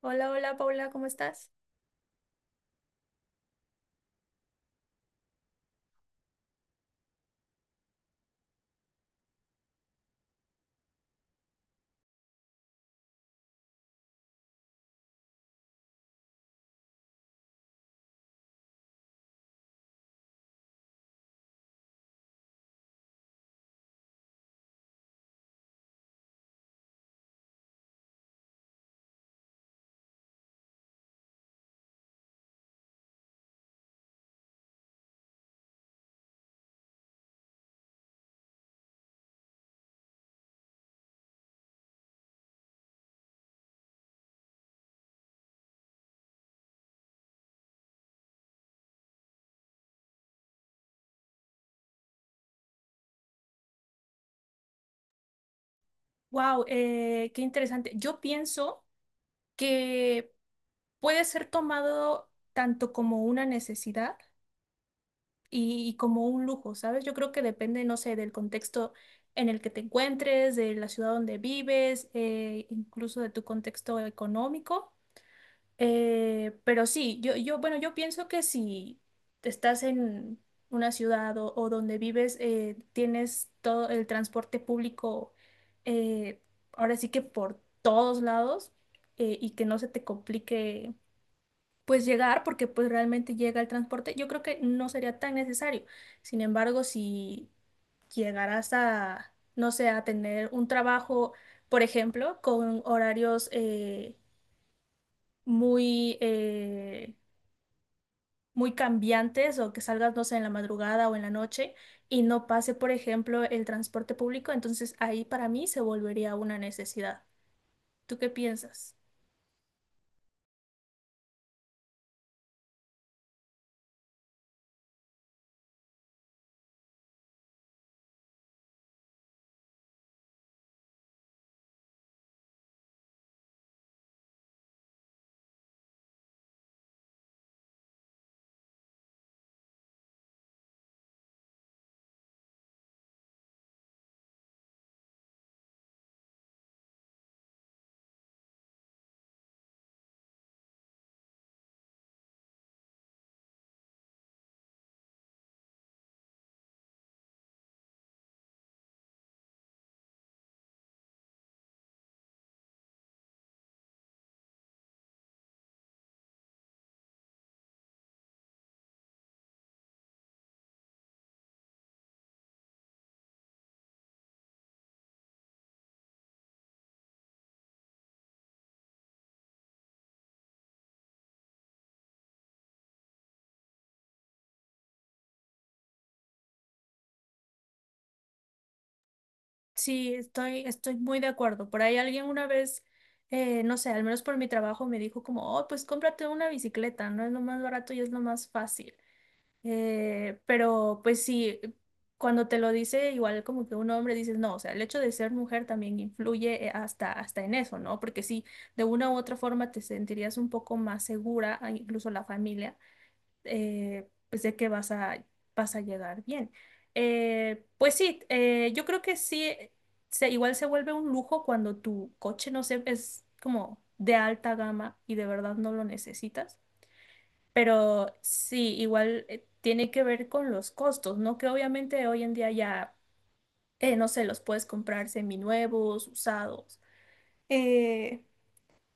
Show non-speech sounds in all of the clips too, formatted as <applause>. Hola, hola Paula, ¿cómo estás? Wow, qué interesante. Yo pienso que puede ser tomado tanto como una necesidad y como un lujo, ¿sabes? Yo creo que depende, no sé, del contexto en el que te encuentres, de la ciudad donde vives, incluso de tu contexto económico. Pero sí, bueno, yo pienso que si estás en una ciudad o donde vives, tienes todo el transporte público, eh, ahora sí que por todos lados, y que no se te complique pues llegar, porque pues realmente llega el transporte, yo creo que no sería tan necesario. Sin embargo, si llegarás a, no sé, a tener un trabajo, por ejemplo, con horarios muy... eh, muy cambiantes o que salgas, no sé, en la madrugada o en la noche y no pase, por ejemplo, el transporte público, entonces ahí para mí se volvería una necesidad. ¿Tú qué piensas? Sí, estoy muy de acuerdo. Por ahí alguien una vez, no sé, al menos por mi trabajo, me dijo como, oh, pues cómprate una bicicleta, no es lo más barato y es lo más fácil. Pero pues sí, cuando te lo dice igual como que un hombre dices, no, o sea, el hecho de ser mujer también influye hasta en eso, ¿no? Porque sí, de una u otra forma te sentirías un poco más segura, a incluso la familia, pues de que vas a llegar bien. Pues sí, yo creo que sí, igual se vuelve un lujo cuando tu coche, no sé, es como de alta gama y de verdad no lo necesitas pero sí, igual tiene que ver con los costos, ¿no? Que obviamente hoy en día ya, no sé, los puedes comprar seminuevos, usados. Eh,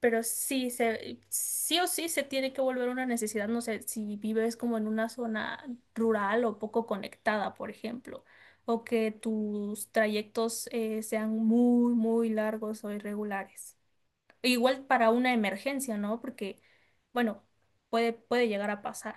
pero sí, sí o sí se tiene que volver una necesidad, no sé, si vives como en una zona rural o poco conectada, por ejemplo, o que tus trayectos sean muy, muy largos o irregulares. Igual para una emergencia, ¿no? Porque, bueno, puede llegar a pasar.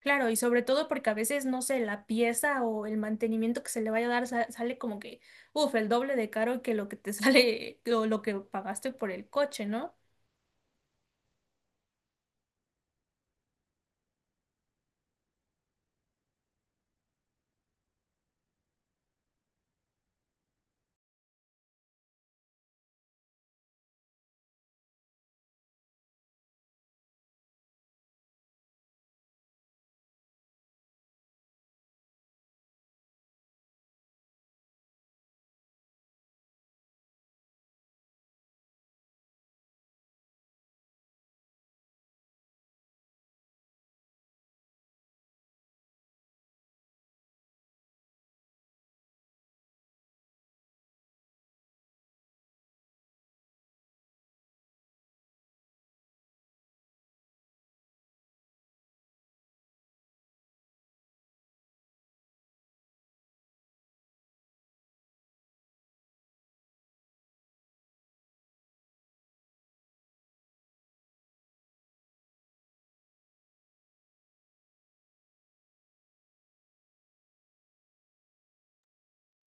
Claro, y sobre todo porque a veces, no sé, la pieza o el mantenimiento que se le vaya a dar sale como que, uff, el doble de caro que lo que te <laughs> sale o lo que pagaste por el coche, ¿no?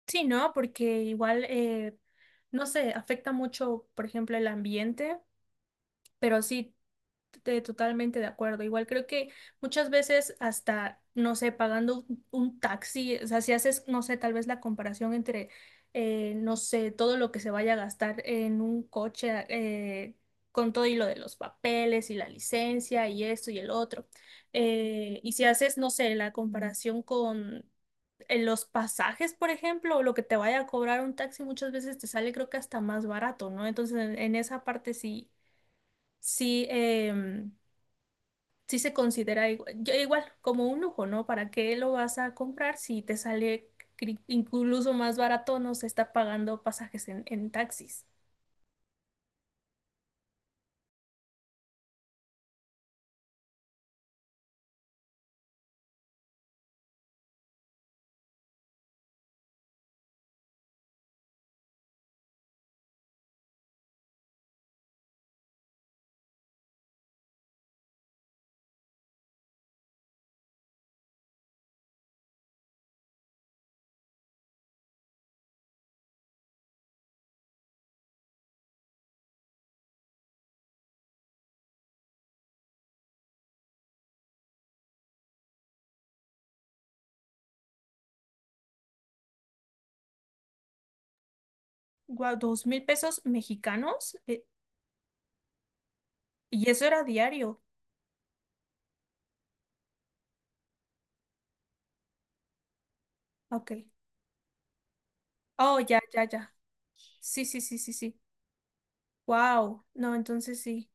Sí, ¿no? Porque igual, no sé, afecta mucho, por ejemplo, el ambiente, pero sí, totalmente de acuerdo. Igual creo que muchas veces hasta, no sé, pagando un taxi, o sea, si haces, no sé, tal vez la comparación entre, no sé, todo lo que se vaya a gastar en un coche, con todo y lo de los papeles y la licencia y esto y el otro. Y si haces, no sé, la comparación con los pasajes, por ejemplo, o lo que te vaya a cobrar un taxi muchas veces te sale creo que hasta más barato, ¿no? Entonces en esa parte sí, sí, sí se considera igual como un lujo, ¿no? ¿Para qué lo vas a comprar si te sale incluso más barato? No se está pagando pasajes en taxis. Guau, 2000 pesos mexicanos. Y eso era diario. Ok. Oh, ya, ya, ya. Sí, sí, sí, sí, sí. Wow. No, entonces sí.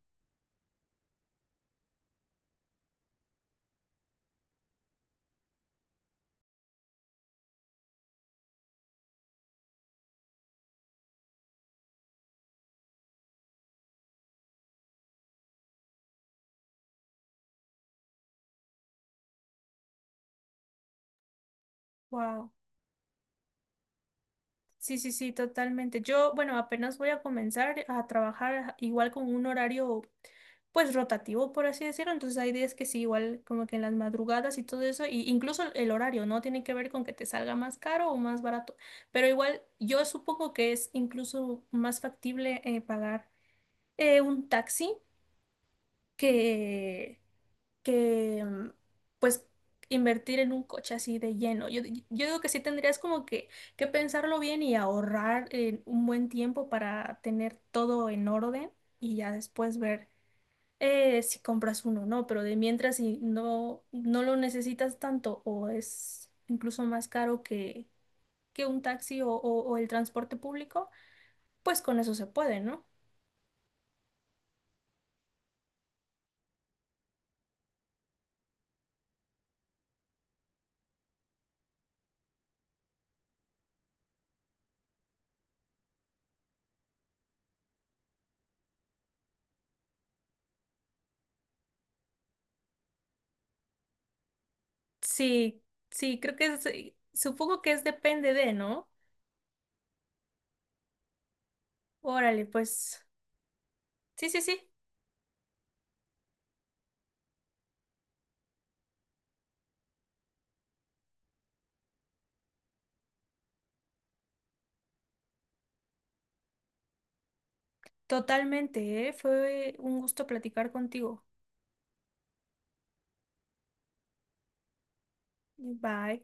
Wow. Sí, sí, sí, totalmente. Yo, bueno, apenas voy a comenzar a trabajar igual con un horario, pues rotativo, por así decirlo. Entonces hay días que sí, igual como que en las madrugadas y todo eso, y incluso el horario, ¿no? Tiene que ver con que te salga más caro o más barato. Pero igual yo supongo que es incluso más factible pagar un taxi que, que pues invertir en un coche así de lleno. Yo, yo digo que sí tendrías como que pensarlo bien y ahorrar un buen tiempo para tener todo en orden y ya después ver si compras uno o no, pero de mientras si no, no lo necesitas tanto o es incluso más caro que un taxi o el transporte público, pues con eso se puede, ¿no? Sí, sí, creo que supongo que es depende de, ¿no? Órale, pues. Sí, sí, sí, totalmente, ¿eh? Fue un gusto platicar contigo. Bye.